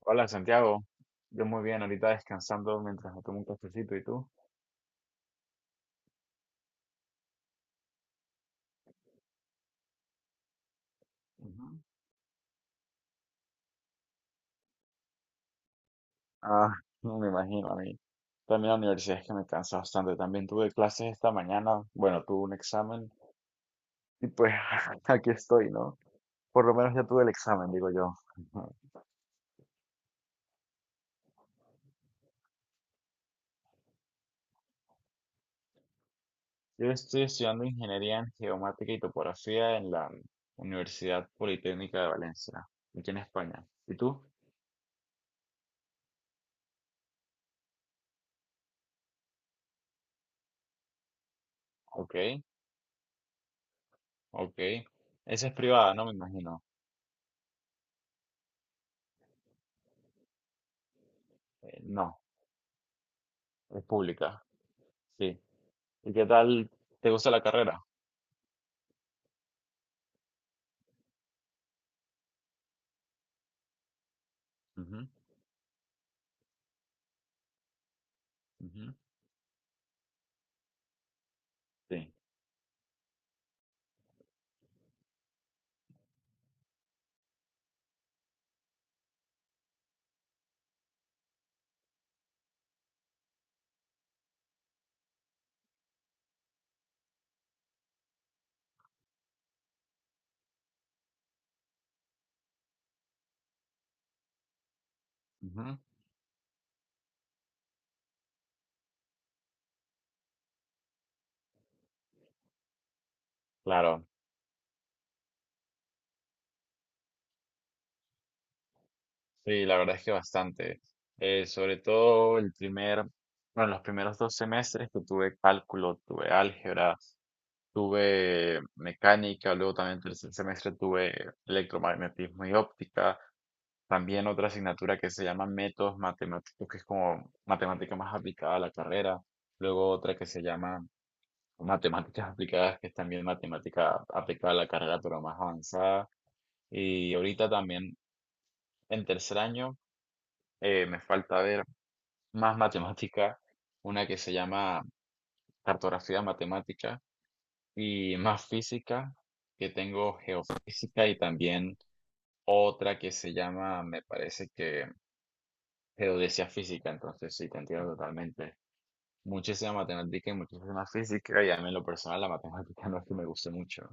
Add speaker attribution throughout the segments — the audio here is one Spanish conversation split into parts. Speaker 1: Hola Santiago, yo muy bien, ahorita descansando mientras me tomo un cafecito, ¿y tú? Ujú. Ah, no me imagino a mí. También la universidad es que me cansa bastante. También tuve clases esta mañana, bueno, tuve un examen y pues aquí estoy, ¿no? Por lo menos ya tuve el examen, digo yo. Ujú. Yo estoy estudiando ingeniería en geomática y topografía en la Universidad Politécnica de Valencia, aquí en España. ¿Y tú? Ok, ok. Esa es privada, no me imagino. No, es pública. Sí. ¿Y qué tal te gusta la carrera? Ujú. Ujú. Sí. Ujú. Claro, sí, la verdad es que bastante. Sobre todo el primer, bueno, los primeros 2 semestres que tuve cálculo, tuve álgebra, tuve mecánica, luego también el tercer semestre tuve electromagnetismo y óptica, también otra asignatura que se llama métodos matemáticos, que es como matemática más aplicada a la carrera, luego otra que se llama matemáticas aplicadas, que es también matemática aplicada a la carrera, pero más avanzada. Y ahorita también en tercer año me falta ver más matemática, una que se llama cartografía matemática y más física, que tengo geofísica y también otra que se llama, me parece que geodesia física. Entonces sí, te entiendo totalmente. Muchísima matemática y muchísima física, y a mí en lo personal la matemática no es que me guste mucho.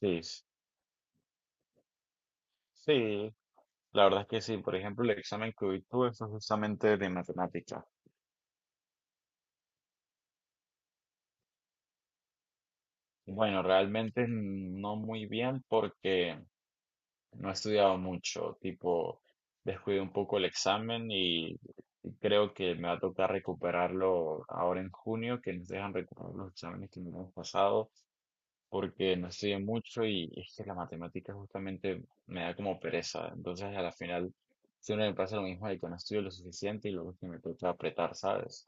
Speaker 1: Sí, sí. La verdad es que sí, por ejemplo, el examen que hoy tuve fue justamente de matemática. Bueno, realmente no muy bien porque no he estudiado mucho, tipo, descuidé un poco el examen y creo que me va a tocar recuperarlo ahora en junio, que nos dejan recuperar los exámenes que nos hemos pasado, porque no estudié mucho y es que la matemática justamente me da como pereza. Entonces, a la final, siempre me pasa lo mismo de que no estudio lo suficiente y luego es que me toca apretar, ¿sabes?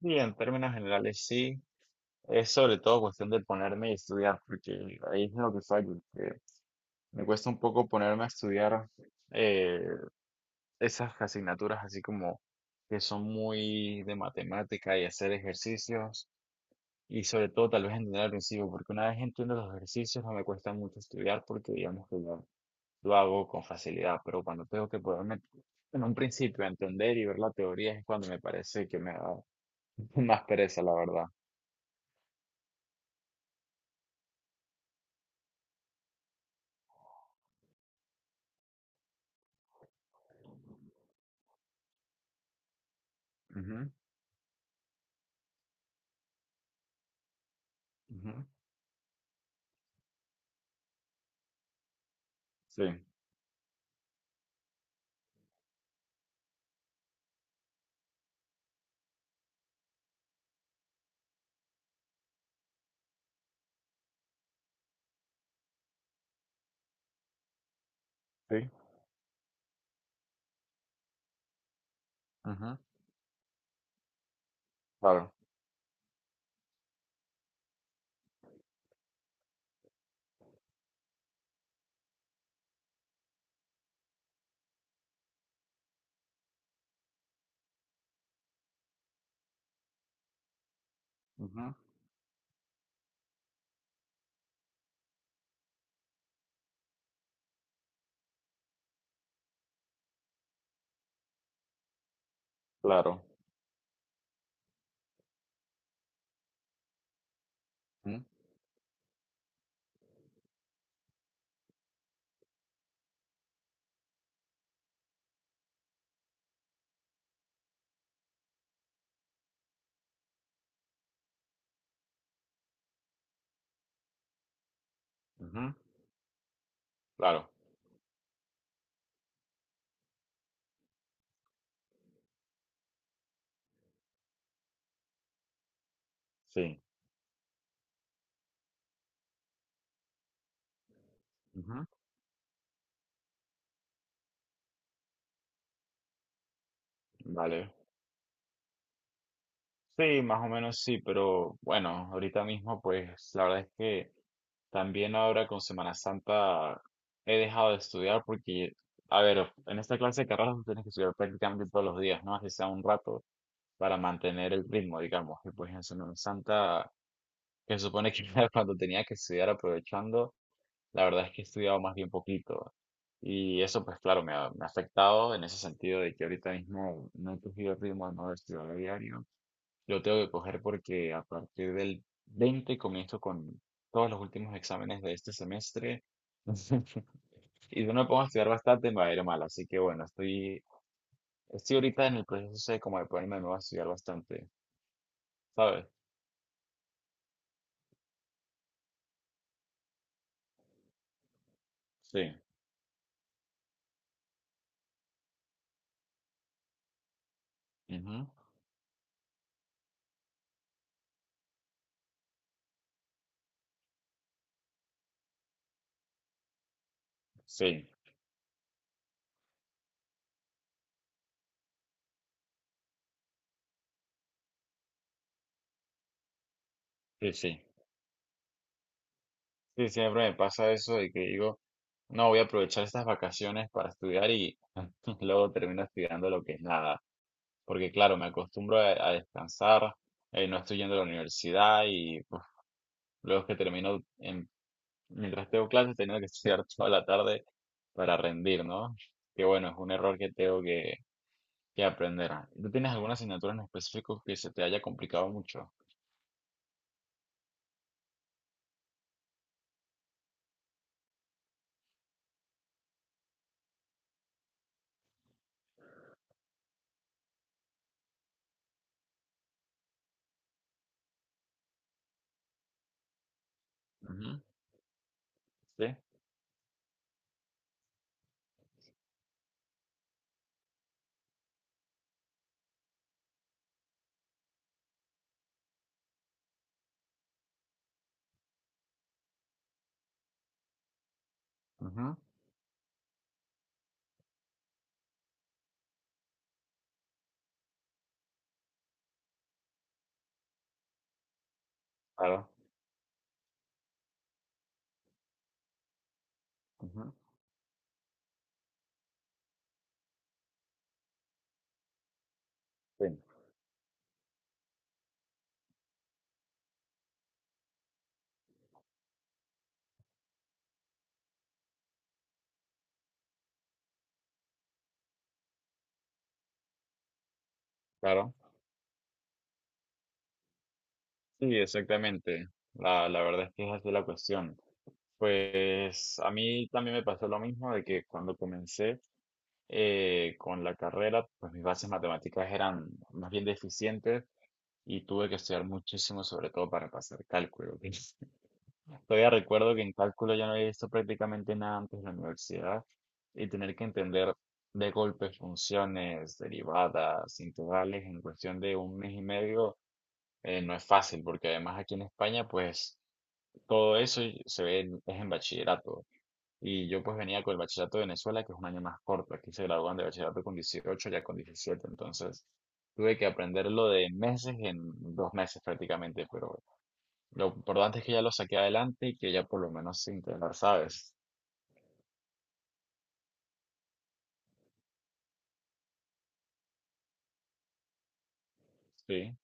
Speaker 1: Sí, en términos generales sí, es sobre todo cuestión de ponerme y estudiar, porque ahí es lo que fallo, que me cuesta un poco ponerme a estudiar eh, esas asignaturas así como que son muy de matemática y hacer ejercicios, y sobre todo tal vez entender al principio, porque una vez entiendo los ejercicios no me cuesta mucho estudiar porque digamos que lo hago con facilidad, pero cuando tengo que ponerme en un principio a entender y ver la teoría es cuando me parece que me da más pereza, la verdad. Ujú. Ujú. Sí. Sí, ajá, claro, ujú, claro, ujú, ujú, claro, sí, ujú, vale. Sí, más o menos sí, pero bueno, ahorita mismo pues la verdad es que también ahora con Semana Santa he dejado de estudiar porque, a ver, en esta clase de carreras tú tienes que estudiar prácticamente todos los días, ¿no? Así sea un rato para mantener el ritmo, digamos. Y pues en Semana Santa, que se supone que era cuando tenía que estudiar aprovechando. La verdad es que he estudiado más bien poquito y eso pues claro me ha afectado en ese sentido de que ahorita mismo no he cogido el ritmo de no estudiar a diario. Lo tengo que coger porque a partir del 20 comienzo con todos los últimos exámenes de este semestre y si no me pongo a estudiar bastante me va a ir mal. Así que bueno, estoy ahorita en el proceso de como de ponerme de nuevo a estudiar bastante, ¿sabes? Sí. Ujú. Sí, sí, sí. Sí, siempre me pasa eso de que digo, no, voy a aprovechar estas vacaciones para estudiar y luego termino estudiando lo que es nada. Porque claro, me acostumbro a descansar, no estoy yendo a la universidad y uf, luego es que termino, mientras tengo clases, tengo que estudiar toda la tarde para rendir, ¿no? Que bueno, es un error que tengo que aprender. ¿Tú tienes alguna asignatura en específico que se te haya complicado mucho? Ujú. Sí. Ujú. Claro. Ujú. Sí. Claro. Sí, exactamente. La verdad es que es así la cuestión. Pues a mí también me pasó lo mismo de que cuando comencé con la carrera, pues mis bases matemáticas eran más bien deficientes y tuve que estudiar muchísimo, sobre todo para pasar cálculo. Todavía recuerdo que en cálculo ya no había visto prácticamente nada antes de la universidad y tener que entender de golpe funciones, derivadas, integrales en cuestión de un mes y medio no es fácil porque además aquí en España, pues todo eso y se ve en, es en bachillerato. Y yo pues venía con el bachillerato de Venezuela, que es un año más corto. Aquí se gradúan de bachillerato con 18, ya con 17. Entonces tuve que aprenderlo de meses en 2 meses prácticamente. Pero lo importante es que ya lo saqué adelante y que ya por lo menos sin intentar, ¿sabes? Sí,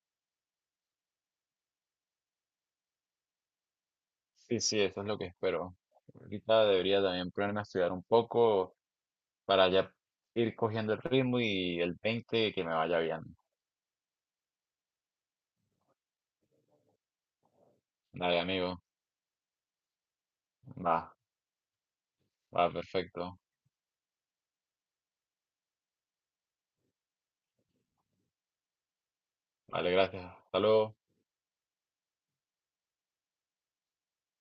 Speaker 1: sí, sí, eso es lo que espero. Ahorita debería también ponerme a estudiar un poco para ya ir cogiendo el ritmo y el 20 que me vaya bien. Dale, amigo. Va, va, perfecto. Vale, gracias. Hasta luego.